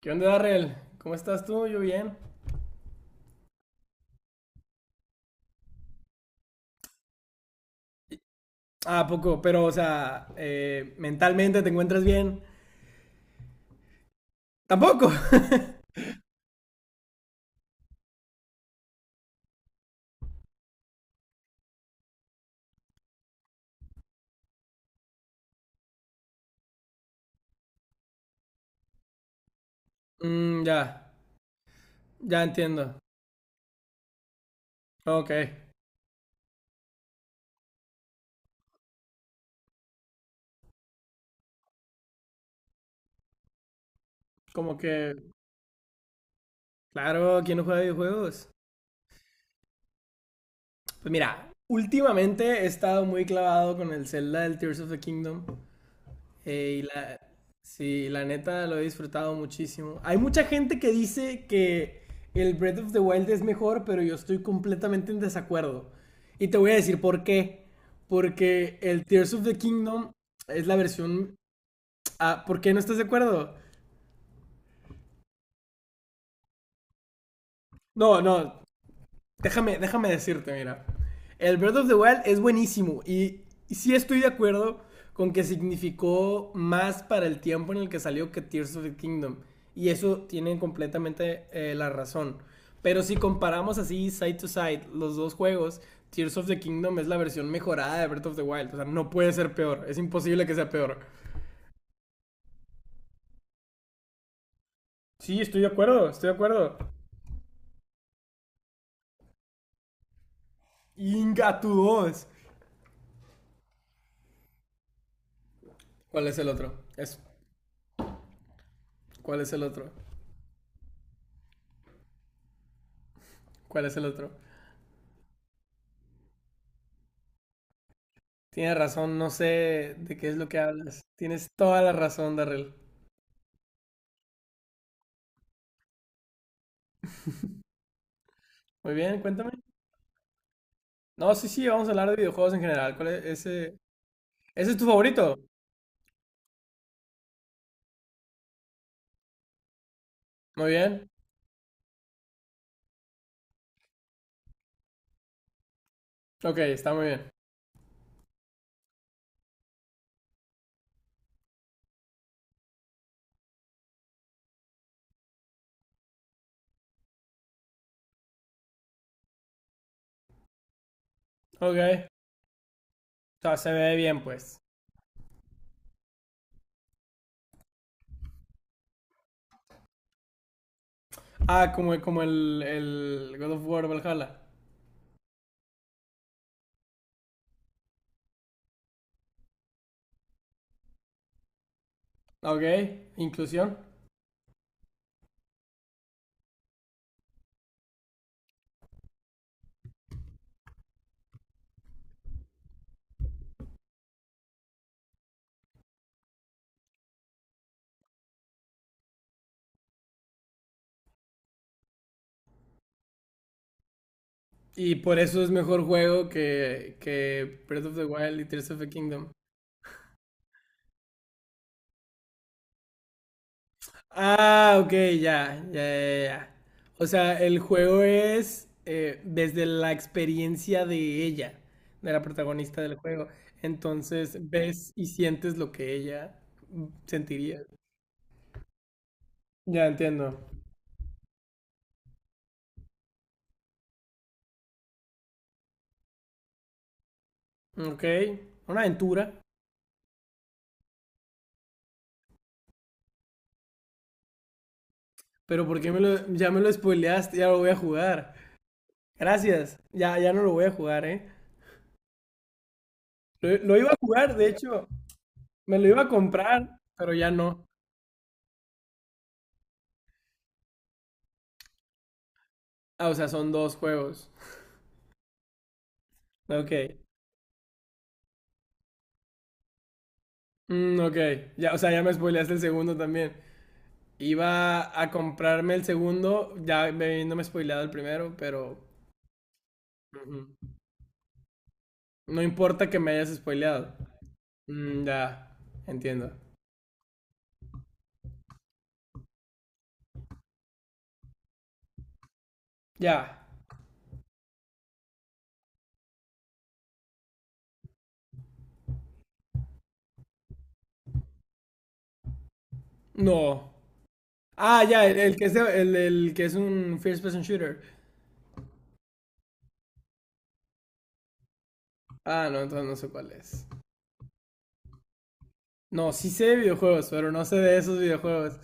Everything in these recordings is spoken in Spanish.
¿Qué onda, Darrell? ¿Cómo estás tú? Yo bien. Ah, poco, pero, o sea, mentalmente te encuentras bien. Tampoco. Mm, ya, ya entiendo. Ok, como que, claro, ¿quién no juega videojuegos? Pues mira, últimamente he estado muy clavado con el Zelda del Tears of the Kingdom. Eh, y la, sí, la neta lo he disfrutado muchísimo. Hay mucha gente que dice que el Breath of the Wild es mejor, pero yo estoy completamente en desacuerdo. Y te voy a decir por qué. Porque el Tears of the Kingdom es la versión... Ah, ¿por qué no estás de acuerdo? No, no, déjame decirte, mira. El Breath of the Wild es buenísimo y sí estoy de acuerdo con que significó más para el tiempo en el que salió que Tears of the Kingdom. Y eso tienen completamente la razón. Pero si comparamos así side to side los dos juegos, Tears of the Kingdom es la versión mejorada de Breath of the Wild. O sea, no puede ser peor. Es imposible que sea peor. Sí, estoy de acuerdo, estoy de acuerdo. Inga, tu dos. ¿Cuál es el otro? Eso. ¿Cuál es el otro? ¿Cuál es el otro? Tienes razón, no sé de qué es lo que hablas. Tienes toda la razón, Darrell. Muy bien, cuéntame. No, sí, sí, vamos a hablar de videojuegos en general. ¿Cuál es ese? ¿Ese es tu favorito? Muy bien. Ok, está muy bien. Ok. O sea, se ve bien, pues. Ah, como, como el God of War Valhalla. Ok, inclusión. Y por eso es mejor juego que Breath of the Wild y Tears of the Kingdom. Ah, ok, ya, ya, ya, ya. O sea, el juego es desde la experiencia de ella, de la protagonista del juego. Entonces ves y sientes lo que ella sentiría. Ya entiendo. Ok, una aventura. Pero ¿por qué me lo, ya me lo spoileaste? Ya lo voy a jugar. Gracias. Ya, ya no lo voy a jugar, ¿eh? Lo iba a jugar, de hecho, me lo iba a comprar, pero ya no. Ah, o sea, son dos juegos. Ok. Mm, ok, ya, o sea, ya me spoileaste el segundo también. Iba a comprarme el segundo, ya me- no me he spoileado el primero, pero ujú. No importa que me hayas spoileado. Mm, ya, entiendo. Ya, no. Ah, ya, el que es de- el que es un first person shooter. Ah, no, entonces no sé cuál es. No, sí sé de videojuegos, pero no sé de esos videojuegos.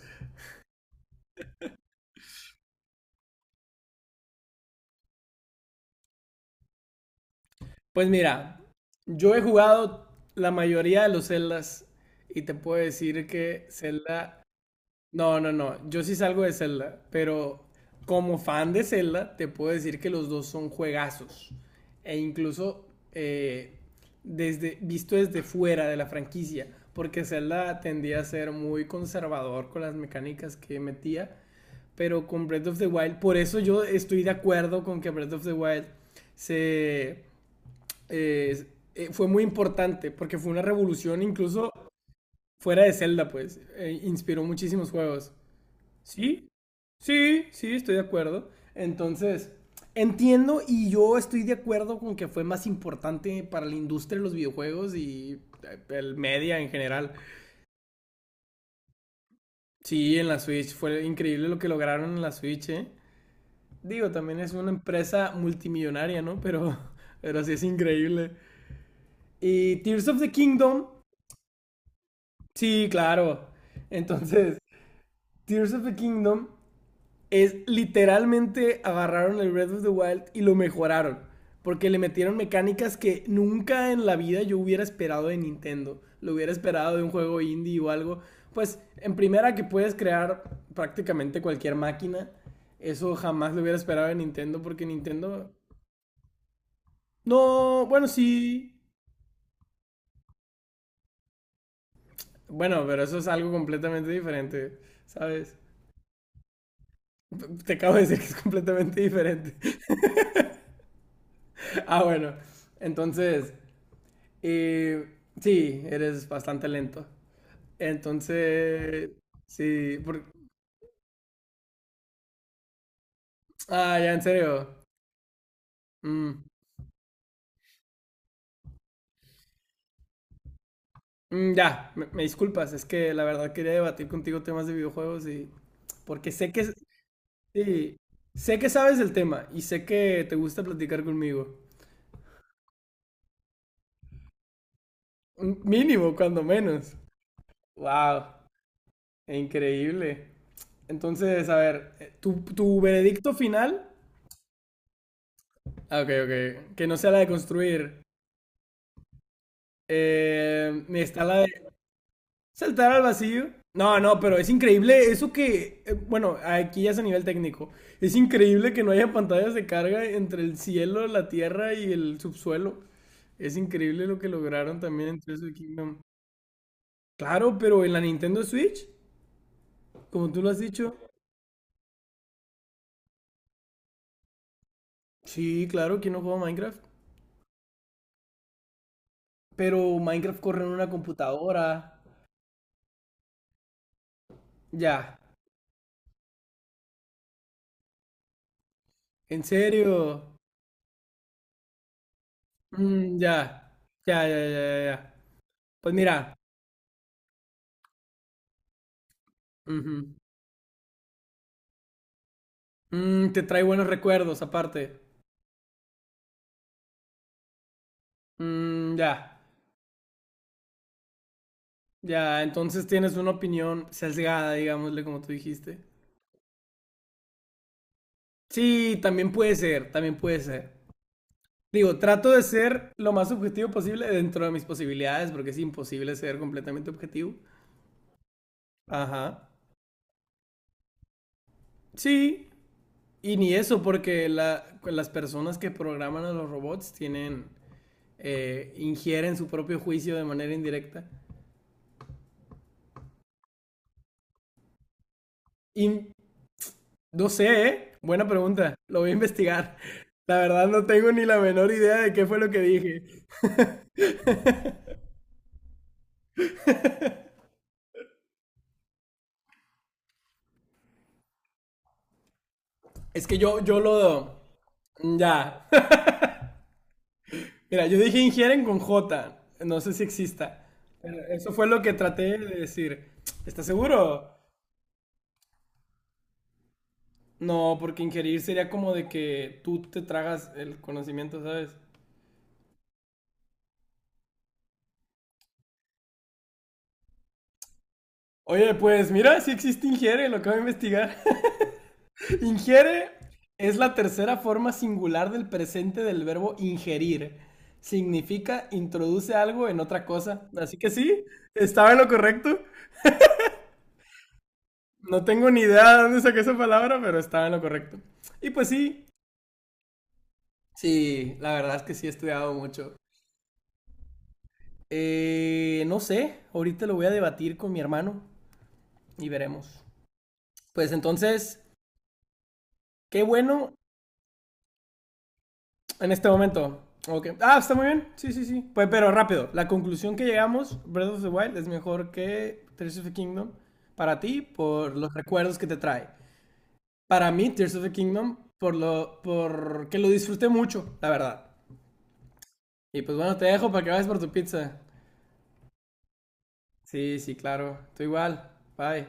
Pues mira, yo he jugado la mayoría de los Zeldas y te puedo decir que Zelda no, no, no. Yo sí salgo de Zelda, pero como fan de Zelda, te puedo decir que los dos son juegazos. E incluso eh, desde, visto desde fuera de la franquicia, porque Zelda tendía a ser muy conservador con las mecánicas que metía, pero con Breath of the Wild, por eso yo estoy de acuerdo con que Breath of the Wild se, eh, fue muy importante, porque fue una revolución incluso fuera de Zelda, pues, inspiró muchísimos juegos. Sí, sí, sí, estoy de acuerdo. Entonces, entiendo y yo estoy de acuerdo con que fue más importante para la industria de los videojuegos y el media en general. Sí, en la Switch fue increíble lo que lograron en la Switch, ¿eh? Digo, también es una empresa multimillonaria, ¿no? Pero, pero sí es increíble. Y Tears of the Kingdom, sí, claro. Entonces, Tears of the Kingdom es literalmente agarraron el Breath of the Wild y lo mejoraron. Porque le metieron mecánicas que nunca en la vida yo hubiera esperado de Nintendo. Lo hubiera esperado de un juego indie o algo. Pues en primera que puedes crear prácticamente cualquier máquina. Eso jamás lo hubiera esperado de Nintendo porque Nintendo... No, bueno, sí. Bueno, pero eso es algo completamente diferente, ¿sabes? Te acabo de decir que es completamente diferente. ah, bueno. Entonces, y sí, eres bastante lento. Entonces, sí, por- Ah, ya, en serio. Mm, ya, me disculpas, es que la verdad quería debatir contigo temas de videojuegos y... Porque sé que... Sí, sé que sabes del tema y sé que te gusta platicar conmigo. Un Mínimo, cuando menos. Wow, increíble. Entonces, a ver, tu veredicto final... Ah, ok, que no sea la de construir. Está la de saltar al vacío. No, no, pero es increíble eso que, bueno, aquí ya es a nivel técnico. Es increíble que no haya pantallas de carga entre el cielo, la tierra y el subsuelo. Es increíble lo que lograron también en Tears of Kingdom. Claro, pero en la Nintendo Switch, como tú lo has dicho, sí, claro, ¿quién no juega Minecraft? Pero Minecraft corre en una computadora. Ya, en serio. Mm, ya, ya, ya, ya, ya, ya. Pues mira, ujú. Mm, te trae buenos recuerdos, aparte. Mm, ya, ya, entonces tienes una opinión sesgada, digámosle, como tú dijiste. Sí, también puede ser, también puede ser. Digo, trato de ser lo más objetivo posible dentro de mis posibilidades, porque es imposible ser completamente objetivo. Ajá. Sí, y ni eso, porque la- las personas que programan a los robots tienen, ingieren su propio juicio de manera indirecta. Y no sé, ¿eh? Buena pregunta. Lo voy a investigar. La verdad no tengo ni la menor idea de qué fue lo que dije. Es que yo lo... mm, ya. Mira, yo dije ingieren con J. No sé si exista. Pero eso fue lo que traté de decir. ¿Estás seguro? No, porque ingerir sería como de que tú te tragas el conocimiento, ¿sabes? Oye, pues mira, si existe ingiere, lo acabo de investigar. Ingiere es la tercera forma singular del presente del verbo ingerir. Significa introduce algo en otra cosa. Así que sí, estaba en lo correcto. No tengo ni idea de dónde saqué esa palabra, pero estaba en lo correcto. Y pues sí, sí, la verdad es que sí he estudiado mucho. No sé, ahorita lo voy a debatir con mi hermano y veremos. Pues entonces, qué bueno en este momento. Ok. Ah, está muy bien. Sí, sí, sí. Pues, pero rápido. La conclusión que llegamos, Breath of the Wild es mejor que Tears of the Kingdom para ti por los recuerdos que te trae. Para mí, Tears of the Kingdom, por lo, por que lo disfruté mucho, la verdad. Y pues bueno, te dejo para que vayas por tu pizza. Sí, sí, claro. Tú igual. Bye.